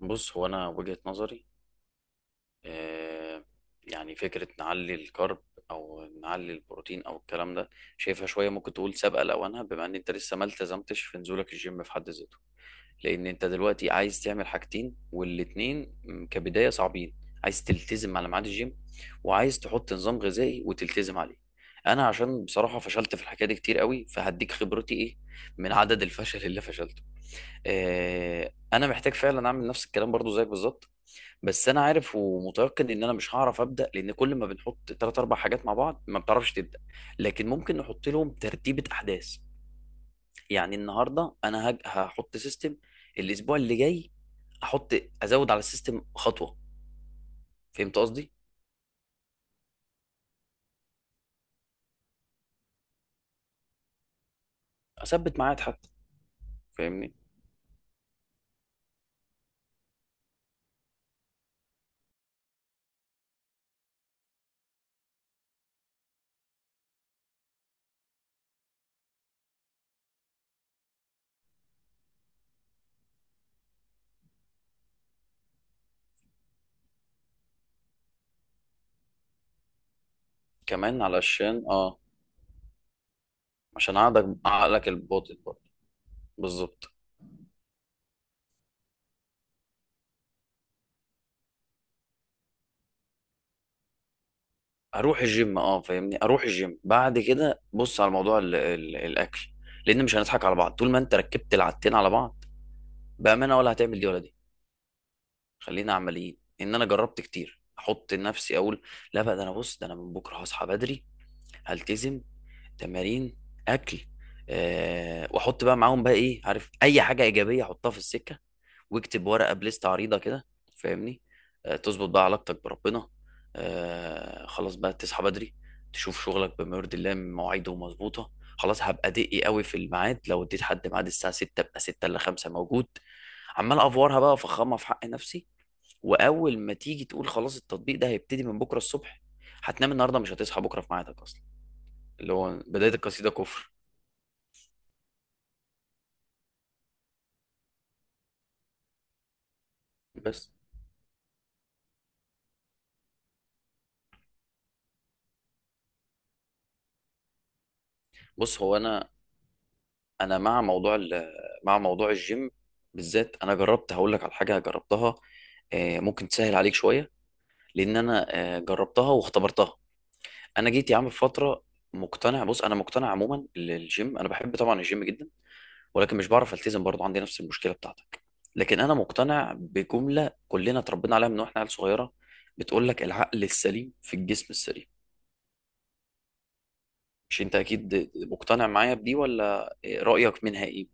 بص، هو انا وجهة نظري. آه، يعني فكرة نعلي الكرب او نعلي البروتين او الكلام ده شايفها شوية، ممكن تقول سابقة لأوانها، بما ان انت لسه ما التزمتش في نزولك الجيم في حد ذاته. لان انت دلوقتي عايز تعمل حاجتين، والاتنين كبداية صعبين. عايز تلتزم على ميعاد الجيم، وعايز تحط نظام غذائي وتلتزم عليه. انا عشان بصراحة فشلت في الحكاية دي كتير قوي، فهديك خبرتي ايه من عدد الفشل اللي فشلته. انا محتاج فعلا اعمل نفس الكلام برضو زيك بالظبط. بس انا عارف ومتيقن ان انا مش هعرف ابدا، لان كل ما بنحط ثلاث اربع حاجات مع بعض ما بتعرفش تبدا. لكن ممكن نحط لهم ترتيبه احداث. يعني النهارده انا هحط سيستم، الاسبوع اللي جاي احط، ازود على السيستم خطوه. فهمت قصدي؟ اثبت ميعاد حتى. فاهمني؟ كمان علشان عشان عقلك الباطن برضه. بالظبط. اروح الجيم، اه فاهمني، اروح الجيم بعد كده بص على موضوع الاكل. لان مش هنضحك على بعض طول ما انت ركبت العادتين على بعض، بامانه ولا هتعمل دي ولا دي. خلينا عمليين، ان انا جربت كتير احط نفسي اقول: لا بقى، ده انا بص ده انا من بكره هصحى بدري، هلتزم تمارين، اكل، واحط بقى معاهم بقى ايه، عارف اي حاجه ايجابيه احطها في السكه، واكتب ورقه بليست عريضه كده، فاهمني؟ تظبط بقى علاقتك بربنا، خلاص بقى تصحى بدري، تشوف شغلك بما يرضي الله، مواعيده مظبوطه، خلاص هبقى دقي قوي في الميعاد، لو اديت حد ميعاد الساعه 6 ابقى 6 الا 5 موجود، عمال افورها بقى وافخمها في حق نفسي. واول ما تيجي تقول خلاص التطبيق ده هيبتدي من بكره الصبح، هتنام النهارده مش هتصحى بكره في ميعادك اصلا. اللي هو بدايه القصيده كفر. بس. بص، هو انا مع موضوع مع موضوع الجيم بالذات. انا جربت، هقول لك على حاجه جربتها، ممكن تسهل عليك شويه، لان انا جربتها واختبرتها. انا جيت يا عم في فتره مقتنع، بص انا مقتنع عموما للجيم، انا بحب طبعا الجيم جدا، ولكن مش بعرف التزم برضه، عندي نفس المشكله بتاعتك. لكن انا مقتنع بجمله كلنا اتربينا عليها من واحنا عيال صغيره، بتقول لك: العقل السليم في الجسم السليم. مش انت اكيد مقتنع معايا؟ بدي ولا رايك منها ايه؟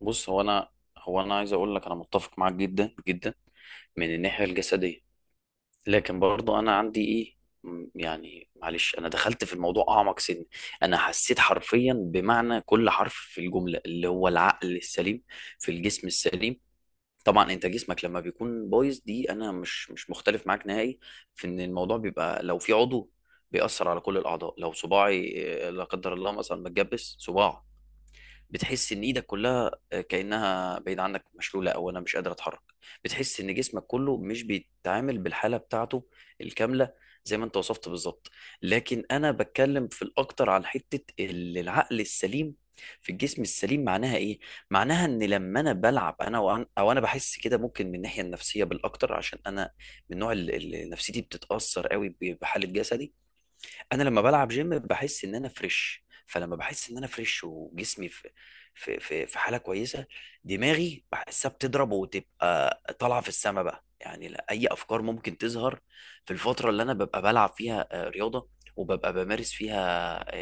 بص هو انا عايز اقول لك انا متفق معاك جدا جدا من الناحيه الجسديه. لكن برضه انا عندي ايه، يعني معلش انا دخلت في الموضوع اعمق سن. انا حسيت حرفيا بمعنى كل حرف في الجمله اللي هو العقل السليم في الجسم السليم. طبعا انت جسمك لما بيكون بايظ، دي انا مش مختلف معاك نهائي، في ان الموضوع بيبقى لو في عضو بيأثر على كل الاعضاء. لو صباعي لا قدر الله مثلا متجبس صباعه، بتحس ان ايدك كلها كانها بعيد عنك مشلوله، او انا مش قادر اتحرك، بتحس ان جسمك كله مش بيتعامل بالحاله بتاعته الكامله. زي ما انت وصفت بالظبط. لكن انا بتكلم في الاكتر على حته العقل السليم في الجسم السليم. معناها ايه؟ معناها ان لما انا بلعب انا وأنا او انا بحس كده، ممكن من الناحيه النفسيه بالاكتر، عشان انا من نوع نفسيتي بتتاثر قوي بحاله جسدي. انا لما بلعب جيم بحس ان انا فريش، فلما بحس ان انا فريش وجسمي في حاله كويسه، دماغي بحسها بتضرب وتبقى طالعه في السما بقى. يعني لا اي افكار ممكن تظهر في الفتره اللي انا ببقى بلعب فيها رياضه وببقى بمارس فيها،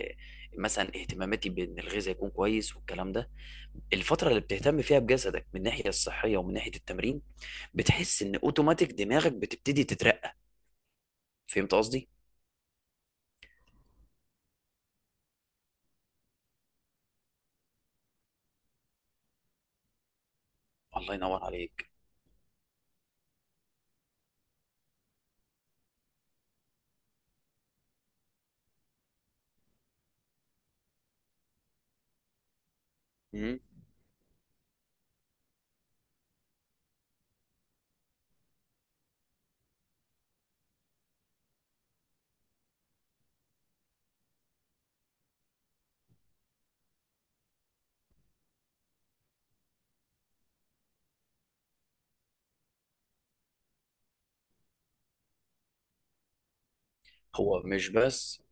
آه، مثلا اهتماماتي بان الغذاء يكون كويس والكلام ده. الفتره اللي بتهتم فيها بجسدك من الناحيه الصحيه ومن ناحيه التمرين، بتحس ان اوتوماتيك دماغك بتبتدي تترقى. فهمت قصدي؟ الله ينور عليك. هو مش بس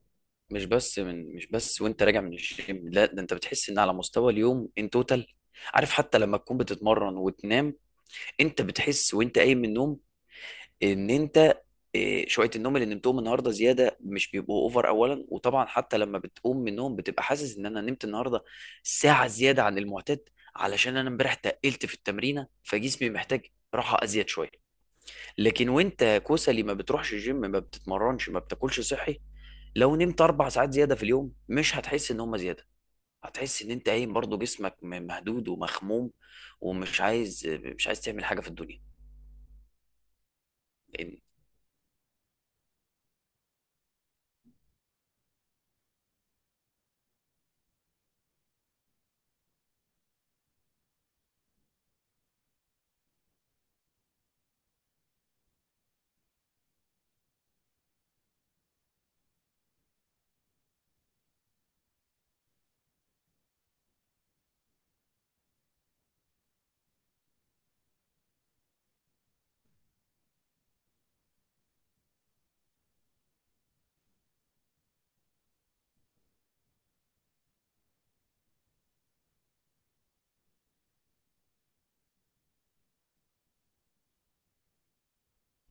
مش بس من مش بس وانت راجع من الجيم، لا ده انت بتحس ان على مستوى اليوم ان توتال، عارف، حتى لما تكون بتتمرن وتنام انت بتحس وانت قايم من النوم ان انت شويه النوم اللي نمتهم النهارده زياده مش بيبقوا اوفر اولا. وطبعا حتى لما بتقوم من النوم بتبقى حاسس ان انا نمت النهارده ساعه زياده عن المعتاد، علشان انا امبارح تقلت في التمرينه فجسمي محتاج راحه ازيد شويه. لكن وانت كسلي ما بتروحش الجيم، ما بتتمرنش، ما بتاكلش صحي، لو نمت اربع ساعات زياده في اليوم مش هتحس ان هم زياده، هتحس ان انت قايم برضه جسمك مهدود ومخموم، ومش عايز مش عايز تعمل حاجه في الدنيا، لان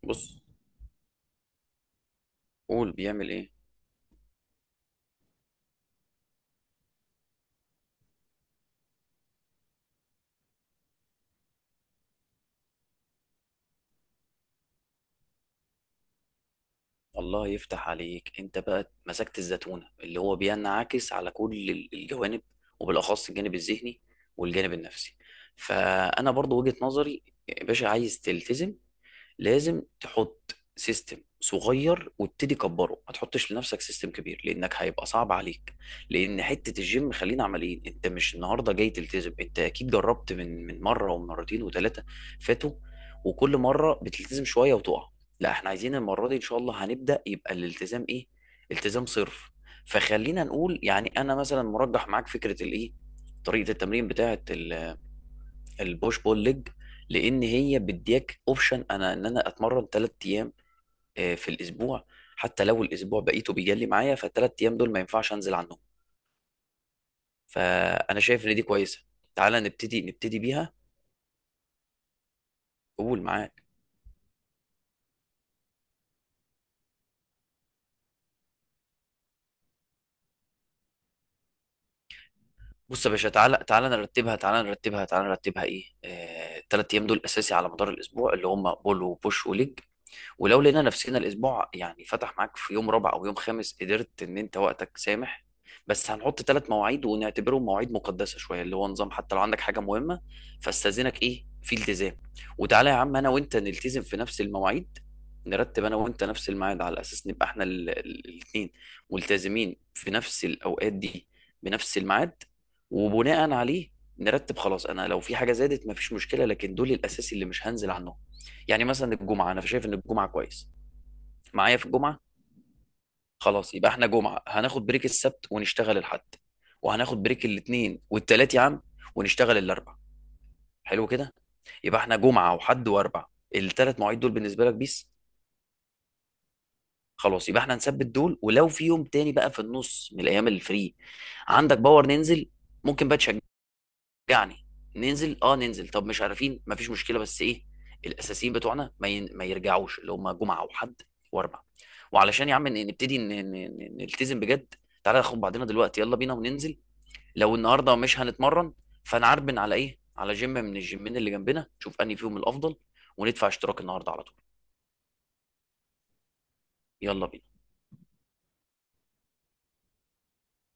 بص قول بيعمل ايه. الله يفتح عليك، انت بقى مسكت الزتونه، اللي هو بينعكس على كل الجوانب، وبالاخص الجانب الذهني والجانب النفسي. فانا برضو وجهه نظري يا باشا، عايز تلتزم لازم تحط سيستم صغير وابتدي كبره، ما تحطش لنفسك سيستم كبير لانك هيبقى صعب عليك. لان حته الجيم، خلينا عمليين، انت مش النهارده جاي تلتزم، انت اكيد جربت من مره ومرتين وثلاثه فاتوا، وكل مره بتلتزم شويه وتقع. لا احنا عايزين المره دي ان شاء الله هنبدا، يبقى الالتزام ايه؟ التزام صرف. فخلينا نقول، يعني انا مثلا مرجح معاك فكره الايه، طريقه التمرين بتاعه البوش بول ليج، لان هي بديك اوبشن انا ان انا اتمرن ثلاث ايام في الاسبوع، حتى لو الاسبوع بقيته بيجلي معايا، فالثلاث ايام دول ما ينفعش انزل عنهم. فانا شايف ان دي كويسه، تعالى نبتدي بيها. قول معاك. بص يا باشا، تعالى نرتبها ايه، الثلاث ايام دول اساسي على مدار الاسبوع، اللي هم بول وبوش وليج. ولو لقينا نفسنا الاسبوع يعني فتح معاك في يوم رابع او يوم خامس، قدرت ان انت وقتك سامح، بس هنحط ثلاث مواعيد ونعتبرهم مواعيد مقدسه شويه اللي هو نظام، حتى لو عندك حاجه مهمه فاستاذنك ايه في التزام، وتعالى يا عم انا وانت نلتزم في نفس المواعيد. نرتب انا وانت نفس الميعاد على اساس نبقى احنا الاثنين ملتزمين في نفس الاوقات دي، بنفس الميعاد. وبناء عليه نرتب، خلاص انا لو في حاجه زادت مفيش مشكله، لكن دول الاساسي اللي مش هنزل عنه. يعني مثلا الجمعه، انا شايف ان الجمعه كويس. معايا في الجمعه؟ خلاص يبقى احنا جمعه، هناخد بريك السبت ونشتغل الحد، وهناخد بريك الاثنين والتلات يا عم، ونشتغل الاربع. حلو كده. يبقى احنا جمعه وحد واربع. الثلاث مواعيد دول بالنسبه لك بيس؟ خلاص يبقى احنا هنثبت دول، ولو في يوم تاني بقى في النص من الايام الفري عندك باور ننزل، ممكن بقى تشجع يعني، ننزل اه ننزل طب مش عارفين مفيش مشكله، بس ايه، الاساسيين بتوعنا ما يرجعوش، اللي هم جمعه وحد واربع. وعلشان يا عم ن- نبتدي ن... ن... ن- نلتزم بجد، تعالى ناخد بعضنا دلوقتي يلا بينا وننزل. لو النهارده مش هنتمرن، فنعربن على ايه، على جيم من الجيمين اللي جنبنا، نشوف انهي فيهم الافضل، وندفع اشتراك النهارده على طول. يلا بينا.